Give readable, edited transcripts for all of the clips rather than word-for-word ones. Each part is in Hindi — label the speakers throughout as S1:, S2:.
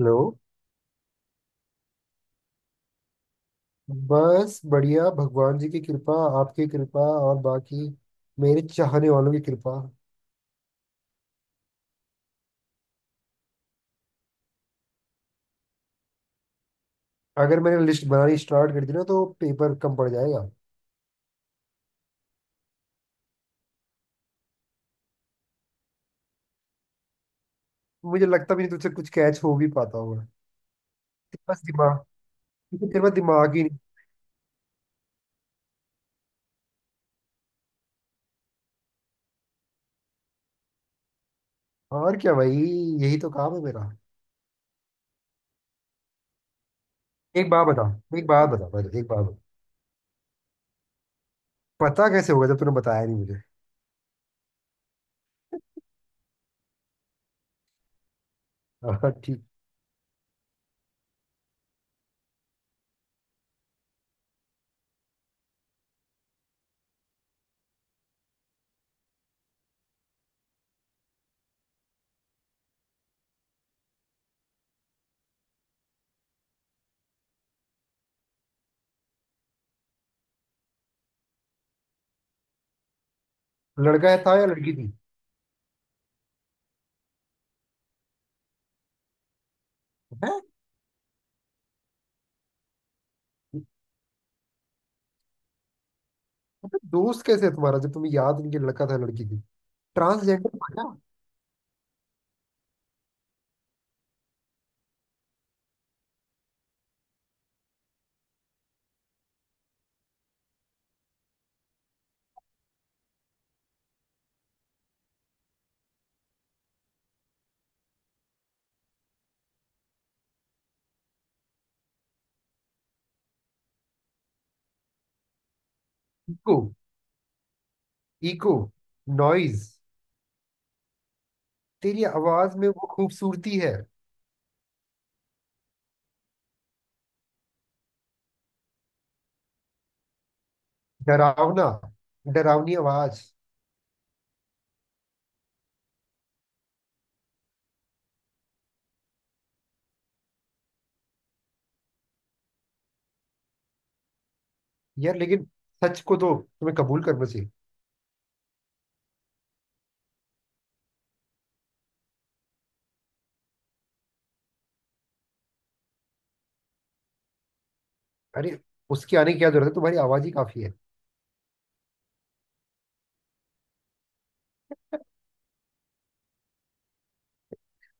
S1: हेलो। बस बढ़िया, भगवान जी की कृपा, आपकी कृपा और बाकी मेरे चाहने वालों की कृपा। अगर मैंने लिस्ट बनानी स्टार्ट कर दी ना तो पेपर कम पड़ जाएगा। मुझे लगता भी नहीं तुझसे कुछ कैच हो भी पाता होगा। तेरे पास दिमाग तेरे पास दिमाग ही नहीं। और क्या भाई, यही तो काम है मेरा। एक बात बता एक बात बता। पता कैसे होगा जब तूने बताया नहीं मुझे। हाँ, ठीक। लड़का है था या लड़की थी? है? दोस्त कैसे है तुम्हारा जब तुम्हें याद नहीं कि लड़का था या लड़की थी? ट्रांसजेंडर था क्या? किसको? इको? नॉइज? तेरी आवाज में वो खूबसूरती है। डरावना। डरावनी आवाज। यार लेकिन सच को तो तुम्हें कबूल करना चाहिए। अरे, उसके आने की क्या जरूरत है, तुम्हारी आवाज ही काफी है।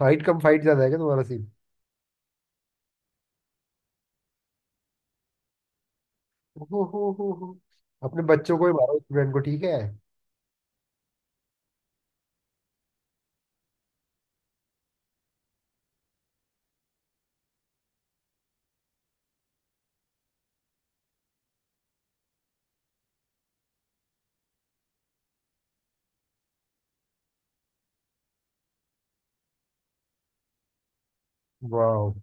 S1: फाइट कम फाइट ज्यादा है क्या तुम्हारा सीन? हो हो। अपने बच्चों को ही मारो, स्टूडेंट को। ठीक है। वाह,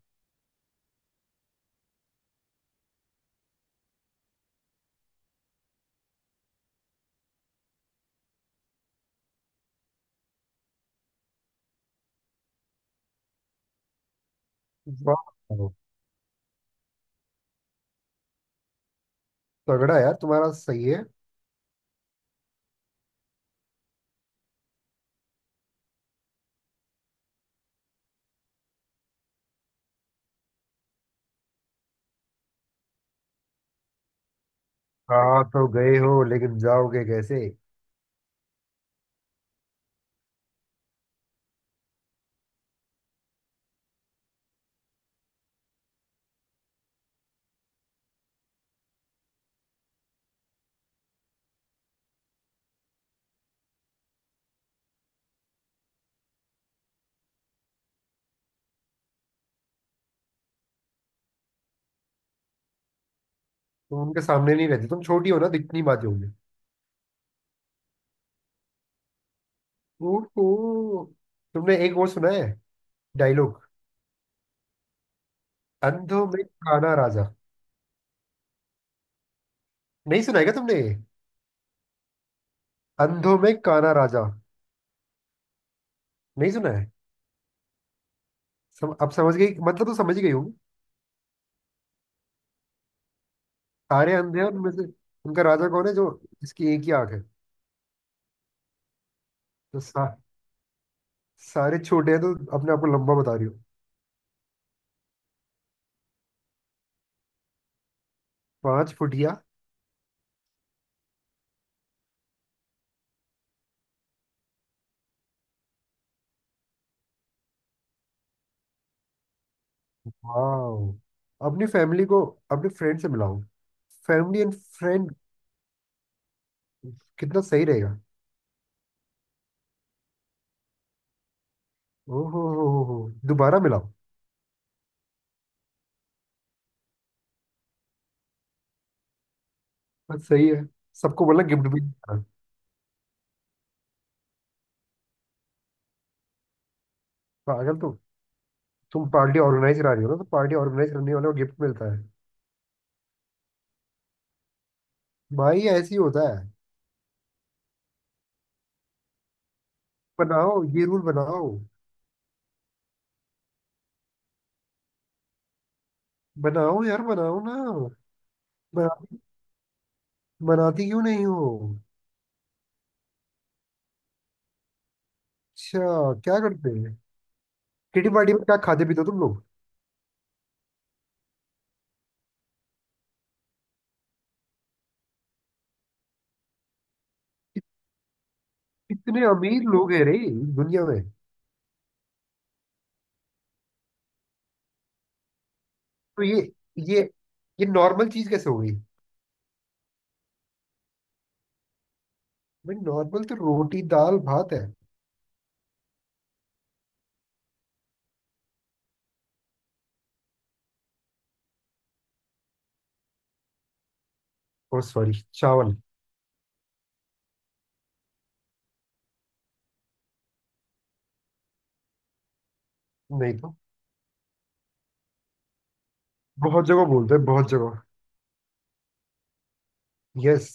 S1: वाह, तगड़ा यार तुम्हारा, सही है। हाँ तो गए हो, लेकिन जाओगे कैसे? तुम उनके सामने नहीं रहते, तुम छोटी हो ना, दिखनी बातें होंगी। ओहो। तुमने एक वो सुना है? डायलॉग। अंधों में काना राजा। नहीं सुना है क्या तुमने ये? अंधों में काना राजा। नहीं सुना है। अब समझ गई, मतलब तो समझ ही गई होगी। सारे अंधे हैं उनमें से, उनका राजा कौन है जो, इसकी एक ही आंख है। तो सा, सारे छोटे हैं तो अपने आप को लंबा बता रही हो। पांच फुटिया। वाह, अपनी फैमिली को अपने फ्रेंड से मिलाओ। फैमिली एंड फ्रेंड, कितना सही रहेगा। ओहो हो हो। दोबारा मिलाओ। बस सही है। सबको बोला गिफ्ट भी देना। पागल तो तुम, पार्टी ऑर्गेनाइज करा रही हो ना, तो पार्टी ऑर्गेनाइज करने वाले को गिफ्ट मिलता है। भाई ऐसे ही होता है। बनाओ, ये रूल बनाओ। बनाओ यार, बनाओ ना। बना, बनाती क्यों नहीं हो? अच्छा, क्या करते हैं? किटी पार्टी में क्या खाते पीते हो तुम लोग? इत- इतने अमीर लोग हैं रे दुनिया में? तो ये ये नॉर्मल चीज कैसे हो गई? भाई नॉर्मल तो रोटी दाल भात है। और सॉरी, चावल। नहीं तो। बहुत जगह बोलते हैं, बहुत जगह। यस।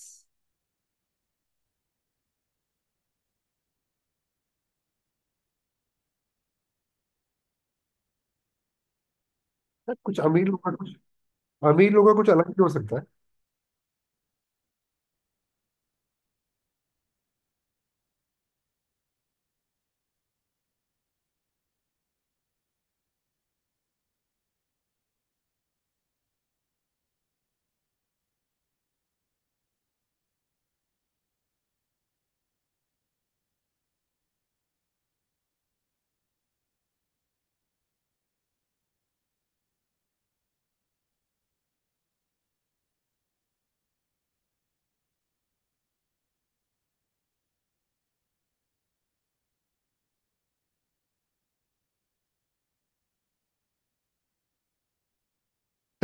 S1: कुछ अमीर लोगों का कुछ, अलग भी हो सकता है।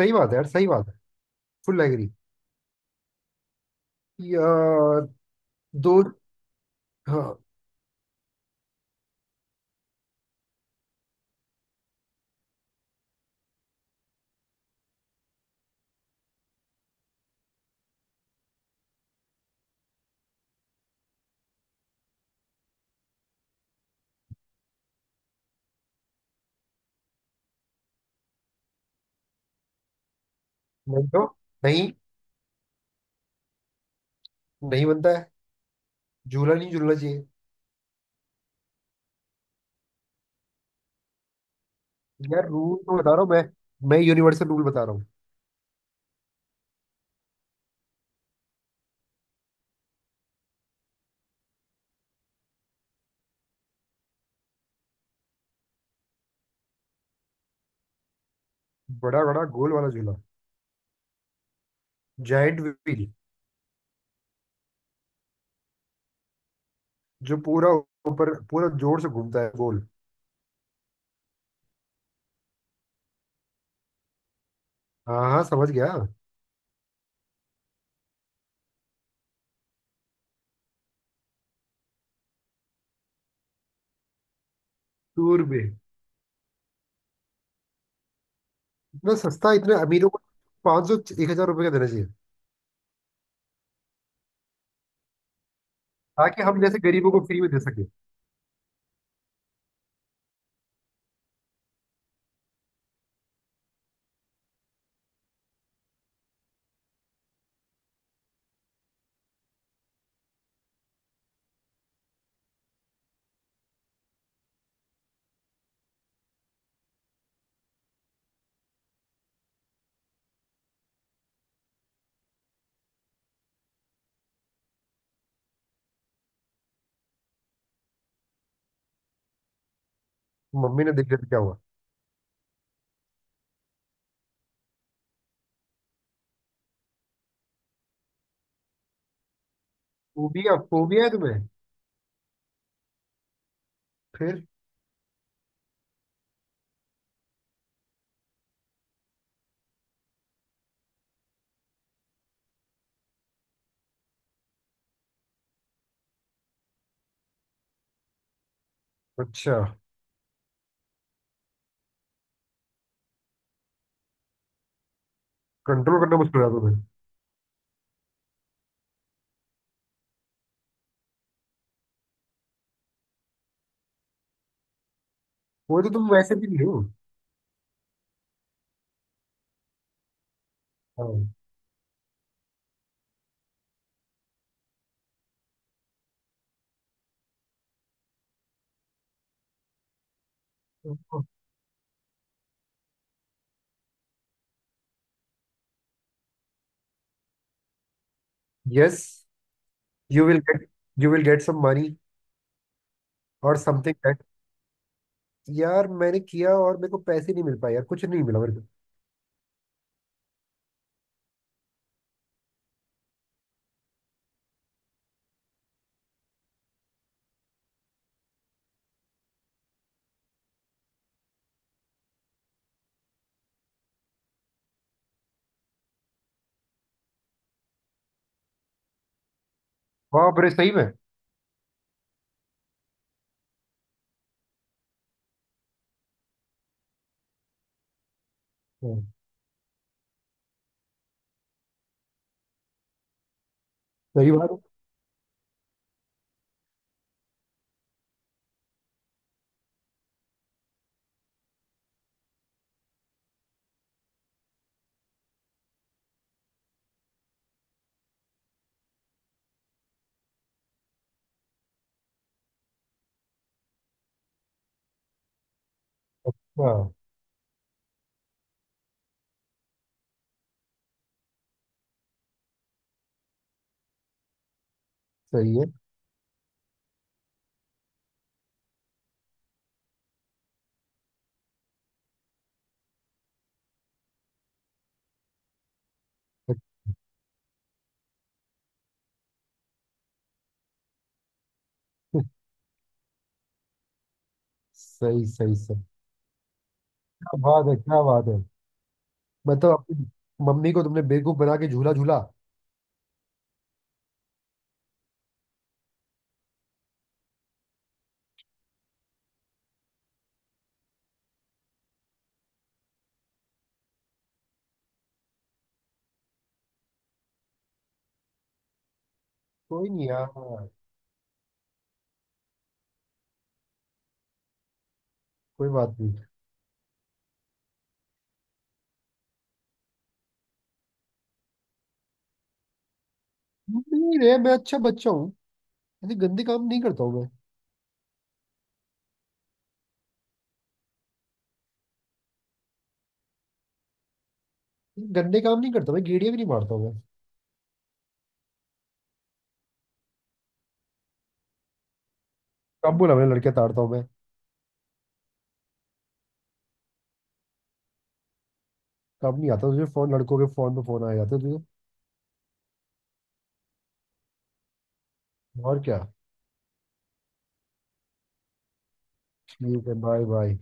S1: सही बात है यार, सही बात है। Full agree. यार दो। हाँ। नहीं तो। नहीं, नहीं बनता है। झूला नहीं झूलना चाहिए। यार रूल तो बता रहा हूँ मैं यूनिवर्सल रूल बता रहा हूँ। बड़ा बड़ा गोल वाला झूला। जाइंट व्हील, जो पूरा ऊपर पूरा जोर से घूमता है, गोल। हाँ हाँ समझ गया। टूर में। इतना सस्ता? इतने अमीरों को पाँच सौ, एक हजार रुपये का देना चाहिए, ताकि हम जैसे गरीबों को फ्री में दे सके। मम्मी ने देख लिया तो क्या हुआ? फोबिया, फोबिया है तुम्हें? फिर? अच्छा। कंट्रोल करना मुश्किल है तुम्हें? वो तो तुम वैसे भी नहीं हो। हाँ। Yes. You will get you will get some money और समथिंग दैट। यार मैंने किया और मेरे को पैसे नहीं मिल पाए यार, कुछ नहीं मिला मेरे को। बाप रे, सही में? हाँ, सही बात है। हाँ सही है। सही सही सही। क्या बात है, क्या बात है। मतलब अपनी मम्मी को तुमने बेवकूफ बना के झूला झूला। कोई नहीं यार, कोई बात नहीं। नहीं रे, मैं अच्छा बच्चा हूँ, ऐसे गंदे काम नहीं करता हूँ मैं। गंदे काम नहीं करता मैं, गेड़िया भी नहीं मारता हूँ मैं। कब बोला मैंने लड़के ताड़ता हूँ मैं? कब नहीं आता तुझे फोन, लड़कों के फोन पे फोन आ जाते हैं तुझे। और क्या। ठीक है, बाय बाय।